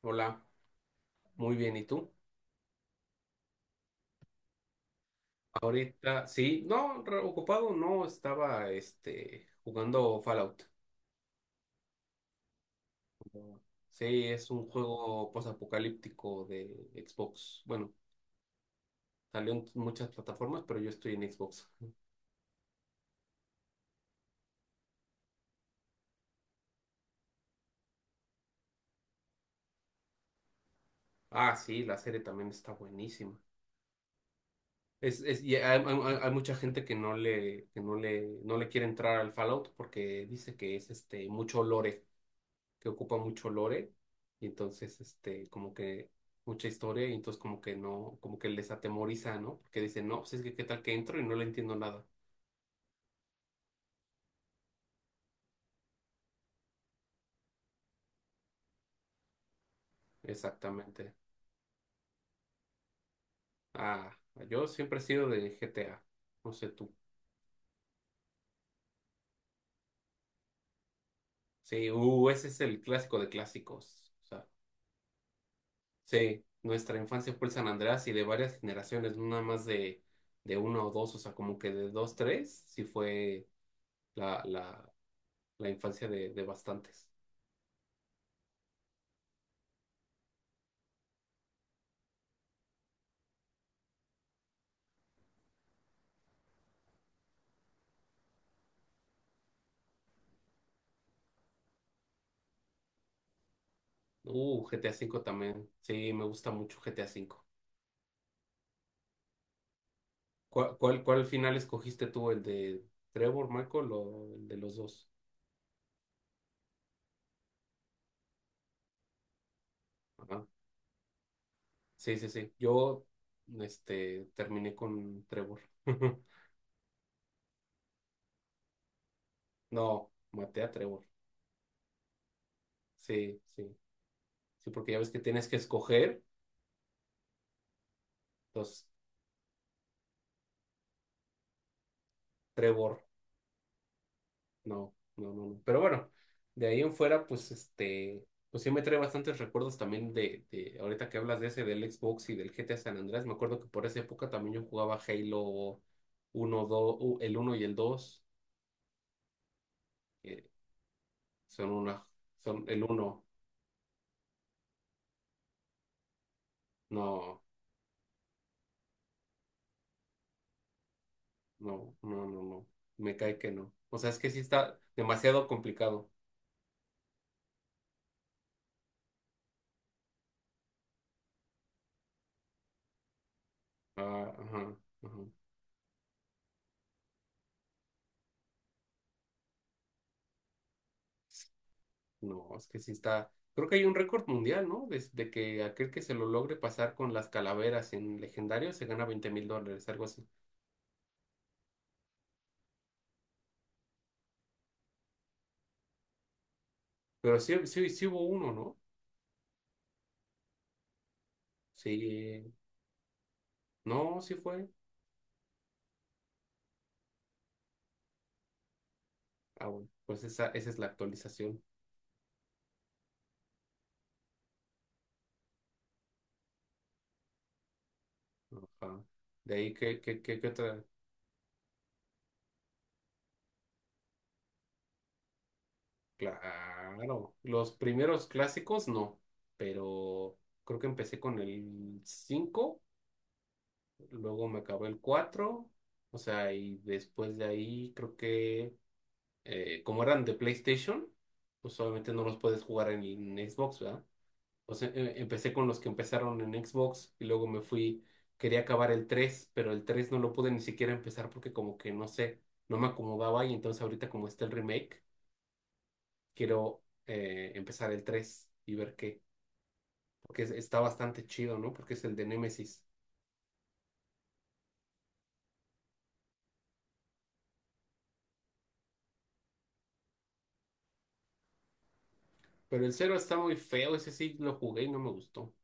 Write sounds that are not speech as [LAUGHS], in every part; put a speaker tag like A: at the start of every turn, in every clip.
A: Hola, muy bien, ¿y tú? Ahorita, sí, no, ocupado no, estaba jugando Fallout. Sí, es un juego posapocalíptico de Xbox. Bueno, salió en muchas plataformas, pero yo estoy en Xbox. Ah, sí, la serie también está buenísima. Y hay, hay mucha gente que no le quiere entrar al Fallout porque dice que es mucho lore. Que ocupa mucho lore, y entonces como que mucha historia y entonces como que no, como que les atemoriza, ¿no? Porque dicen, no, pues es que qué tal que entro y no le entiendo nada. Exactamente. Ah, yo siempre he sido de G T A no sé tú. Sí, ese es el clásico de clásicos. O sea, sí, nuestra infancia fue el San Andreas y de varias generaciones, no nada más de uno o dos, o sea, como que de dos, tres, sí fue la, la, la infancia de bastantes. GTA V también. Sí, me gusta mucho GTA V. Cuál final escogiste tú? ¿El de Trevor, Michael o el de los dos? Ajá. Sí, sí, sí. Terminé con Trevor. [LAUGHS] No, maté a Trevor. Sí, sí. Sí, porque ya ves que tienes que escoger. Entonces, Trevor. No, no, no, no. Pero bueno, de ahí en fuera, pues sí me trae bastantes recuerdos también de ahorita que hablas de ese del Xbox y del GTA San Andreas. Me acuerdo que por esa época también yo jugaba Halo uno dos el uno y el dos, que son una, son el uno. No, no, no, no, no. Me cae que no. O sea, es que sí está demasiado complicado. Ah, ajá, ajá. No, es que sí está. Creo que hay un récord mundial, ¿no? Desde que aquel que se lo logre pasar con las calaveras en legendario se gana $20,000, algo así. Pero sí, sí, sí hubo uno, ¿no? Sí. No, sí fue. Ah, bueno, pues esa es la actualización. Ajá. De ahí qué otra. Claro. Los primeros clásicos, no. Pero creo que empecé con el cinco, luego me acabó el cuatro. O sea, y después de ahí creo que, como eran de PlayStation, pues obviamente no los puedes jugar en Xbox, ¿verdad? O sea, empecé con los que empezaron en Xbox y luego me fui, quería acabar el tres, pero el 3 no lo pude ni siquiera empezar porque como que no sé, no me acomodaba, y entonces ahorita como está el remake, quiero empezar el 3 y ver qué, porque está bastante chido, ¿no? Porque es el de Nemesis. Pero el cero está muy feo, ese sí lo jugué y no me gustó.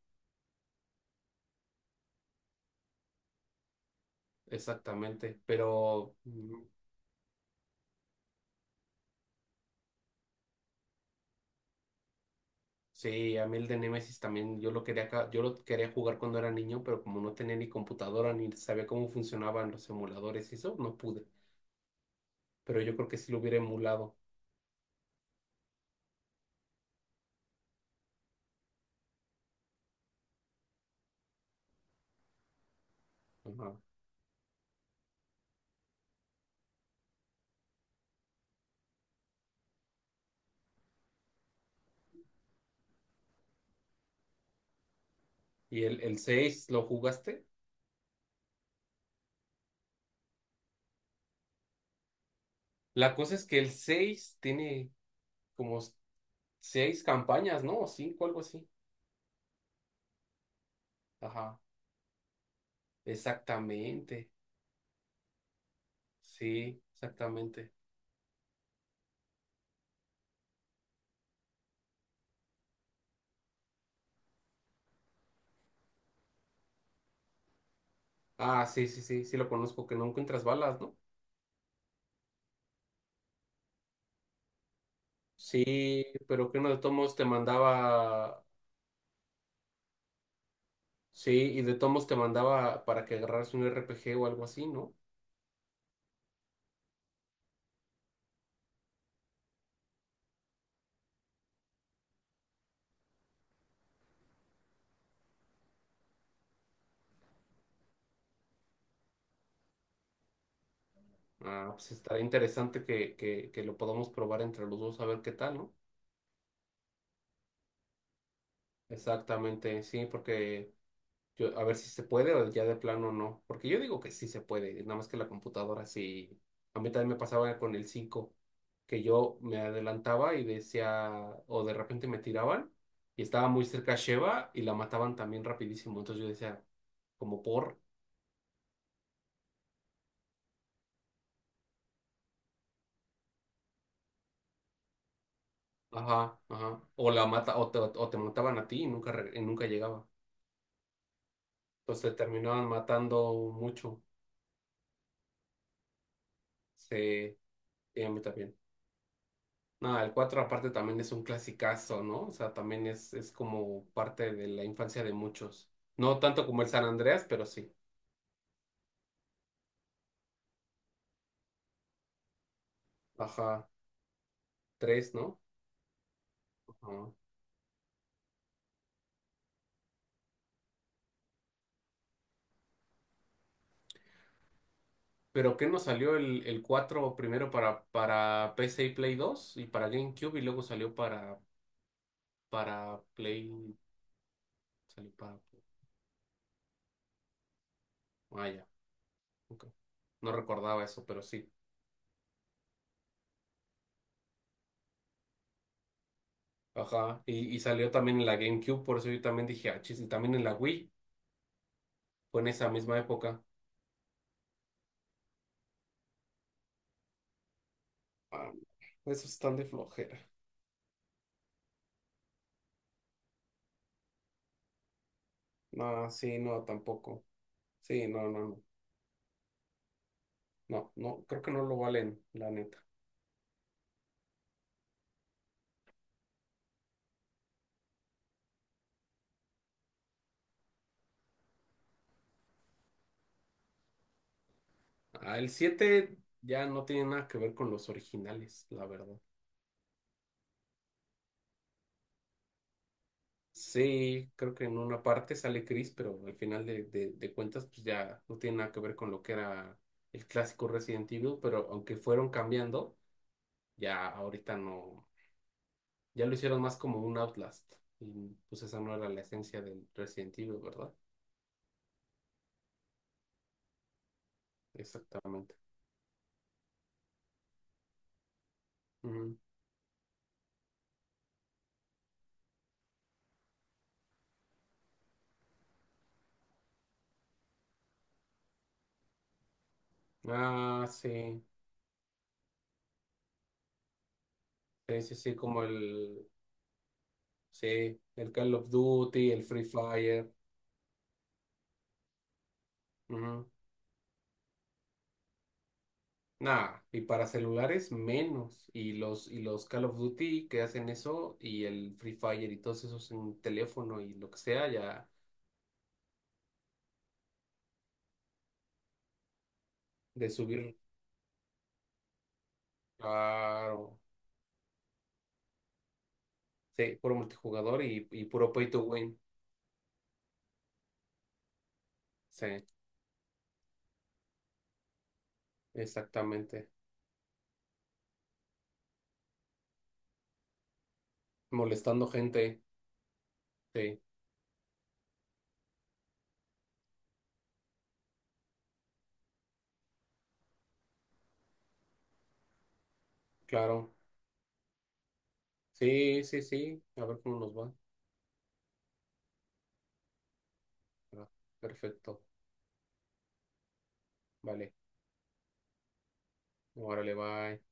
A: Exactamente, pero sí, a mí el de Nemesis también, yo lo quería, yo lo quería jugar cuando era niño, pero como no tenía ni computadora ni sabía cómo funcionaban los emuladores y eso, no pude. Pero yo creo que sí lo hubiera emulado. Ajá. ¿Y el seis lo jugaste? La cosa es que el 6 tiene como seis campañas, ¿no? O cinco, algo así. Ajá, exactamente. Sí, exactamente. Ah, sí, sí, sí, sí lo conozco, que no encuentras balas, ¿no? Sí, pero que uno de todos modos te mandaba. Sí, y de tomos te mandaba para que agarraras un RPG o algo así, ¿no? Ah, pues estará interesante que que lo podamos probar entre los dos a ver qué tal, ¿no? Exactamente, sí, porque yo, a ver si se puede o ya de plano no. Porque yo digo que sí se puede, nada más que la computadora sí. A mí también me pasaba con el cinco, que yo me adelantaba y decía, o de repente me tiraban y estaba muy cerca Sheva y la mataban también rapidísimo. Entonces yo decía, como por. Ajá, ajá. O la mata, o te mataban a ti y nunca, y nunca llegaba. Entonces terminaban matando mucho. Sí, sí, a mí también. Nada, el 4 aparte también es un clasicazo, ¿no? O sea, también es como parte de la infancia de muchos. No tanto como el San Andreas, pero sí. Ajá, 3 ¿no? Ajá. ¿Pero qué nos salió el 4 primero para PC y Play 2 y para GameCube y luego salió para Play... Salió para... Ah, ya. Ok. No recordaba eso, pero sí. Ajá. Y salió también en la GameCube, por eso yo también dije, ah, chis, y también en la Wii, fue en esa misma época. Ah, esos están de flojera. No, sí, no, tampoco. Sí, no, no, no. No, no, creo que no lo valen, la neta. Ah, el 7 ya no tiene nada que ver con los originales, la verdad. Sí, creo que en una parte sale Chris, pero al final de cuentas, pues ya no tiene nada que ver con lo que era el clásico Resident Evil, pero aunque fueron cambiando. Ya ahorita no, ya lo hicieron más como un Outlast. Y pues esa no era la esencia del Resident Evil, ¿verdad? Exactamente. Ujú. Ah, sí. Sí, sí, sí, como el, sí, el Call of Duty, el Free Fire. Ujú. Nah, y para celulares menos. Y los Call of Duty que hacen eso, y el Free Fire y todos esos en teléfono y lo que sea, ya de subir, claro. Sí, puro multijugador y puro pay to win. Sí. Exactamente. Molestando gente. Sí, claro. Sí, sí, sí. A ver cómo nos va. Ah, perfecto. Vale. Órale, bye.